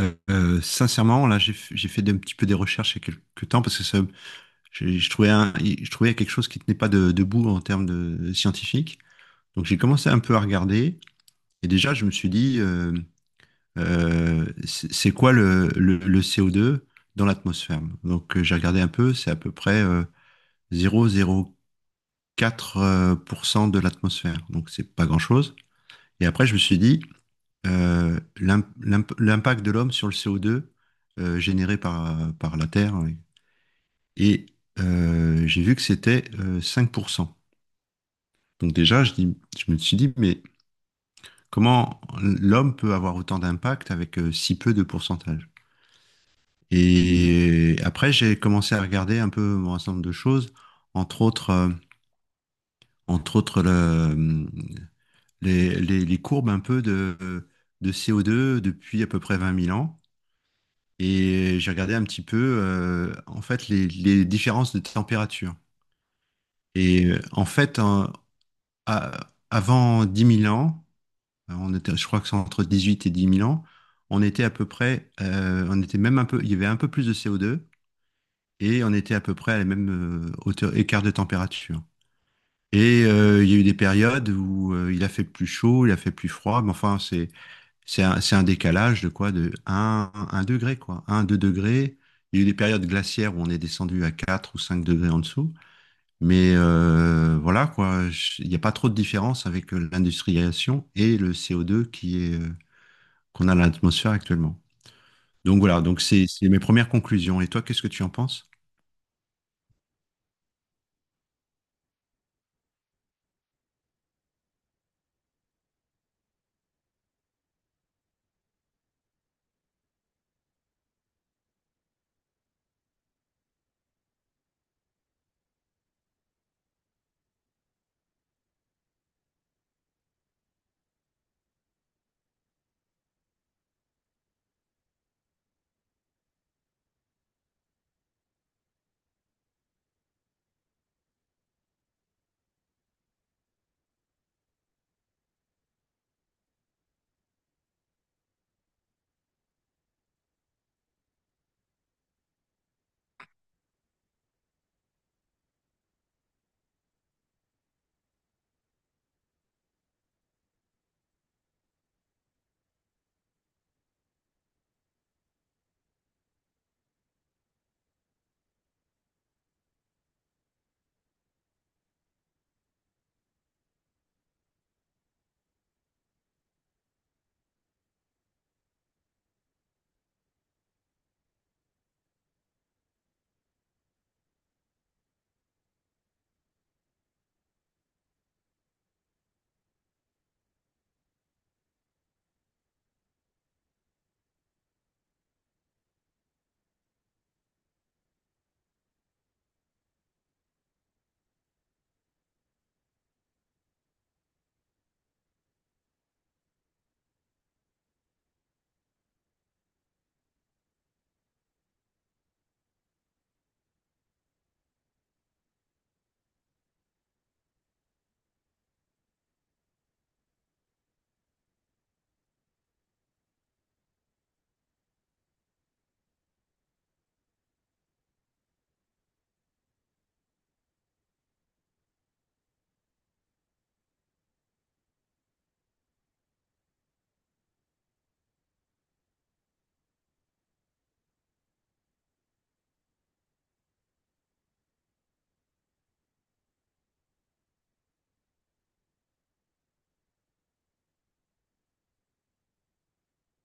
Sincèrement, là, j'ai fait un petit peu des recherches il y a quelques temps parce que ça, je trouvais je trouvais quelque chose qui tenait pas debout en termes de scientifique. Donc j'ai commencé un peu à regarder et déjà je me suis dit, c'est quoi le CO2 dans l'atmosphère? Donc j'ai regardé un peu, c'est à peu près 0,04% pour cent de l'atmosphère, donc c'est pas grand-chose. Et après je me suis dit, l'impact de l'homme sur le CO2 généré par la Terre. Oui. Et j'ai vu que c'était 5%. Donc déjà, je me suis dit, mais comment l'homme peut avoir autant d'impact avec si peu de pourcentage? Et après, j'ai commencé à regarder un peu un ensemble de choses, entre autres, euh, entre autres les courbes un peu de CO2 depuis à peu près 20 000 ans. Et j'ai regardé un petit peu, en fait, les différences de température. Et en fait, avant 10 000 ans, on était, je crois que c'est entre 18 et 10 000 ans, on était même un peu, il y avait un peu plus de CO2 et on était à peu près à la même hauteur, écart de température. Et il y a eu des périodes où il a fait plus chaud, il a fait plus froid, mais enfin, c'est un décalage de quoi? De 1, un degré, quoi. Un 2 degrés. Il y a eu des périodes glaciaires où on est descendu à 4 ou 5 degrés en dessous. Mais voilà, quoi. Il n'y a pas trop de différence avec l'industrialisation et le CO2 qu'on a dans l'atmosphère actuellement. Donc voilà, donc c'est mes premières conclusions. Et toi, qu'est-ce que tu en penses?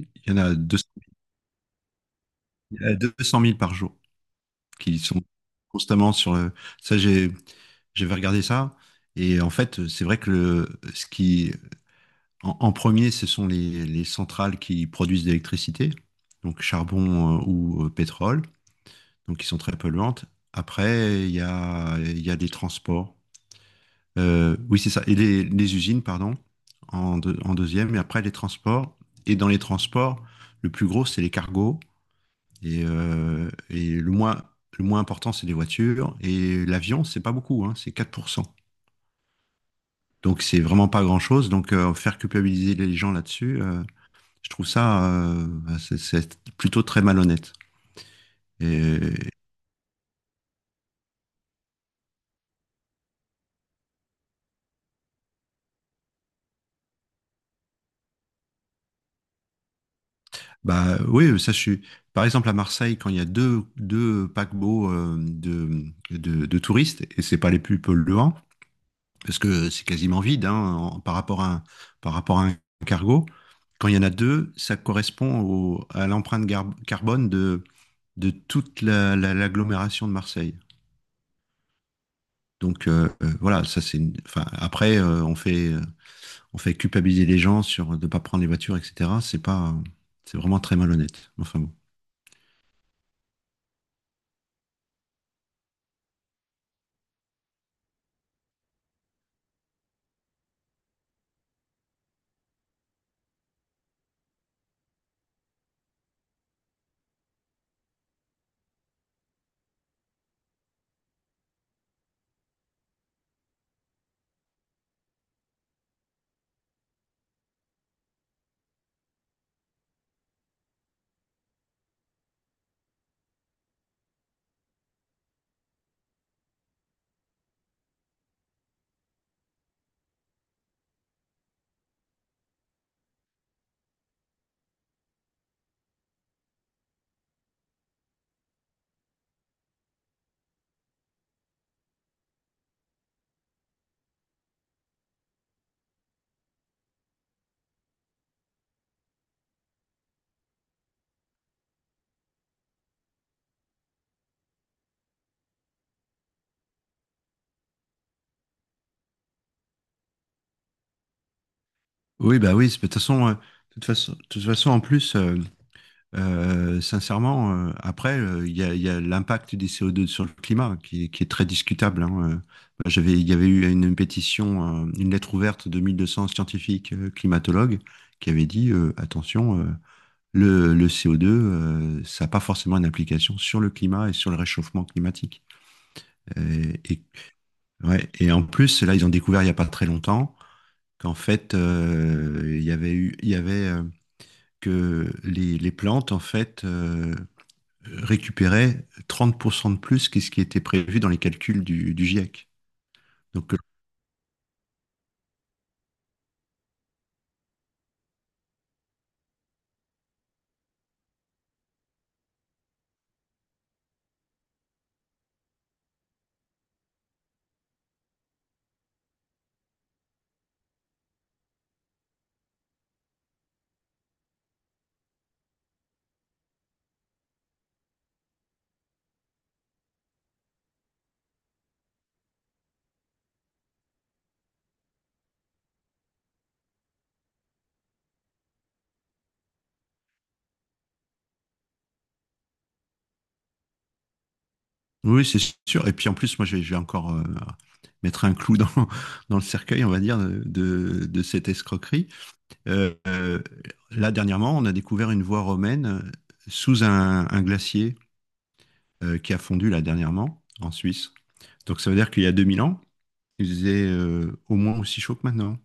Il y en a 200 deux cent mille par jour qui sont constamment sur le. Ça, j'avais regardé ça. Et en fait, c'est vrai que ce qui, en premier, ce sont les centrales qui produisent de l'électricité, donc charbon ou pétrole. Donc qui sont très polluantes. Après, il y a des transports. Oui, c'est ça. Et les usines, pardon, en deuxième. Et après, les transports. Et dans les transports, le plus gros, c'est les cargos. Et le moins important, c'est les voitures. Et l'avion, c'est pas beaucoup, hein, c'est 4%. Donc, c'est vraiment pas grand-chose. Donc, faire culpabiliser les gens là-dessus, je trouve ça c'est plutôt très malhonnête. Et, Bah oui, ça je suis. Par exemple, à Marseille, quand il y a deux paquebots de touristes, et c'est pas les plus polluants, parce que c'est quasiment vide hein, par rapport à un cargo. Quand il y en a deux, ça correspond à l'empreinte carbone de toute l'agglomération de Marseille. Donc voilà, ça c'est. Enfin, après, on fait culpabiliser les gens sur de ne pas prendre les voitures, etc. C'est pas, C'est vraiment très malhonnête. Enfin bon. Oui, bah oui, de toute façon, en plus, sincèrement, après, il y a l'impact des CO2 sur le climat qui est très discutable. Hein. Bah, il y avait eu une pétition, une lettre ouverte de 1200 scientifiques climatologues qui avaient dit, attention, le CO2, ça n'a pas forcément une application sur le climat et sur le réchauffement climatique. Et, et, ouais, et en plus, là, ils ont découvert il n'y a pas très longtemps qu'en fait, il y avait que les plantes, en fait, récupéraient 30% de plus que ce qui était prévu dans les calculs du GIEC. Donc, oui, c'est sûr. Et puis en plus, moi, je vais encore mettre un clou dans, dans, le cercueil, on va dire, de cette escroquerie. Euh, euh, Là, dernièrement, on a découvert une voie romaine sous un glacier qui a fondu là dernièrement en Suisse. Donc ça veut dire qu'il y a 2 000 ans, il faisait au moins aussi chaud que maintenant.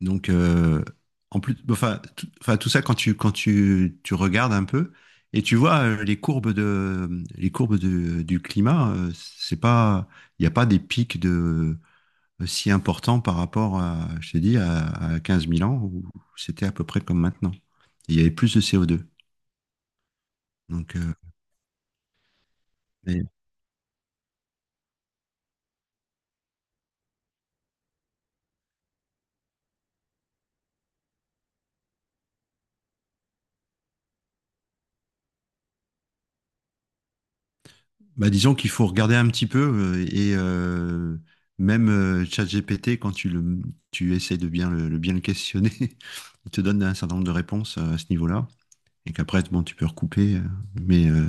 Donc en plus, enfin, tout ça quand tu regardes un peu et tu vois les courbes du climat, c'est pas il n'y a pas des pics de si important par rapport à, je t'ai dit, à 15 000 ans, où c'était à peu près comme maintenant. Et il y avait plus de CO2. Donc, euh, mais, bah, disons qu'il faut regarder un petit peu même ChatGPT, quand tu essaies de bien bien le questionner, il te donne un certain nombre de réponses à ce niveau-là. Et qu'après, bon, tu peux recouper. Mais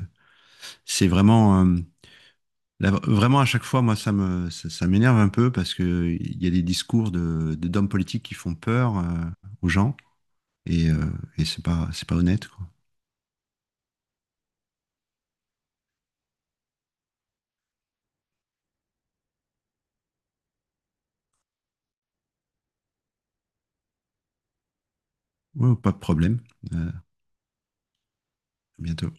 c'est vraiment, euh, vraiment à chaque fois, moi, ça m'énerve un peu parce que il y a des discours d'hommes politiques qui font peur aux gens. Et, euh, et c'est pas honnête, quoi. Ouais, pas de problème. Euh, à bientôt.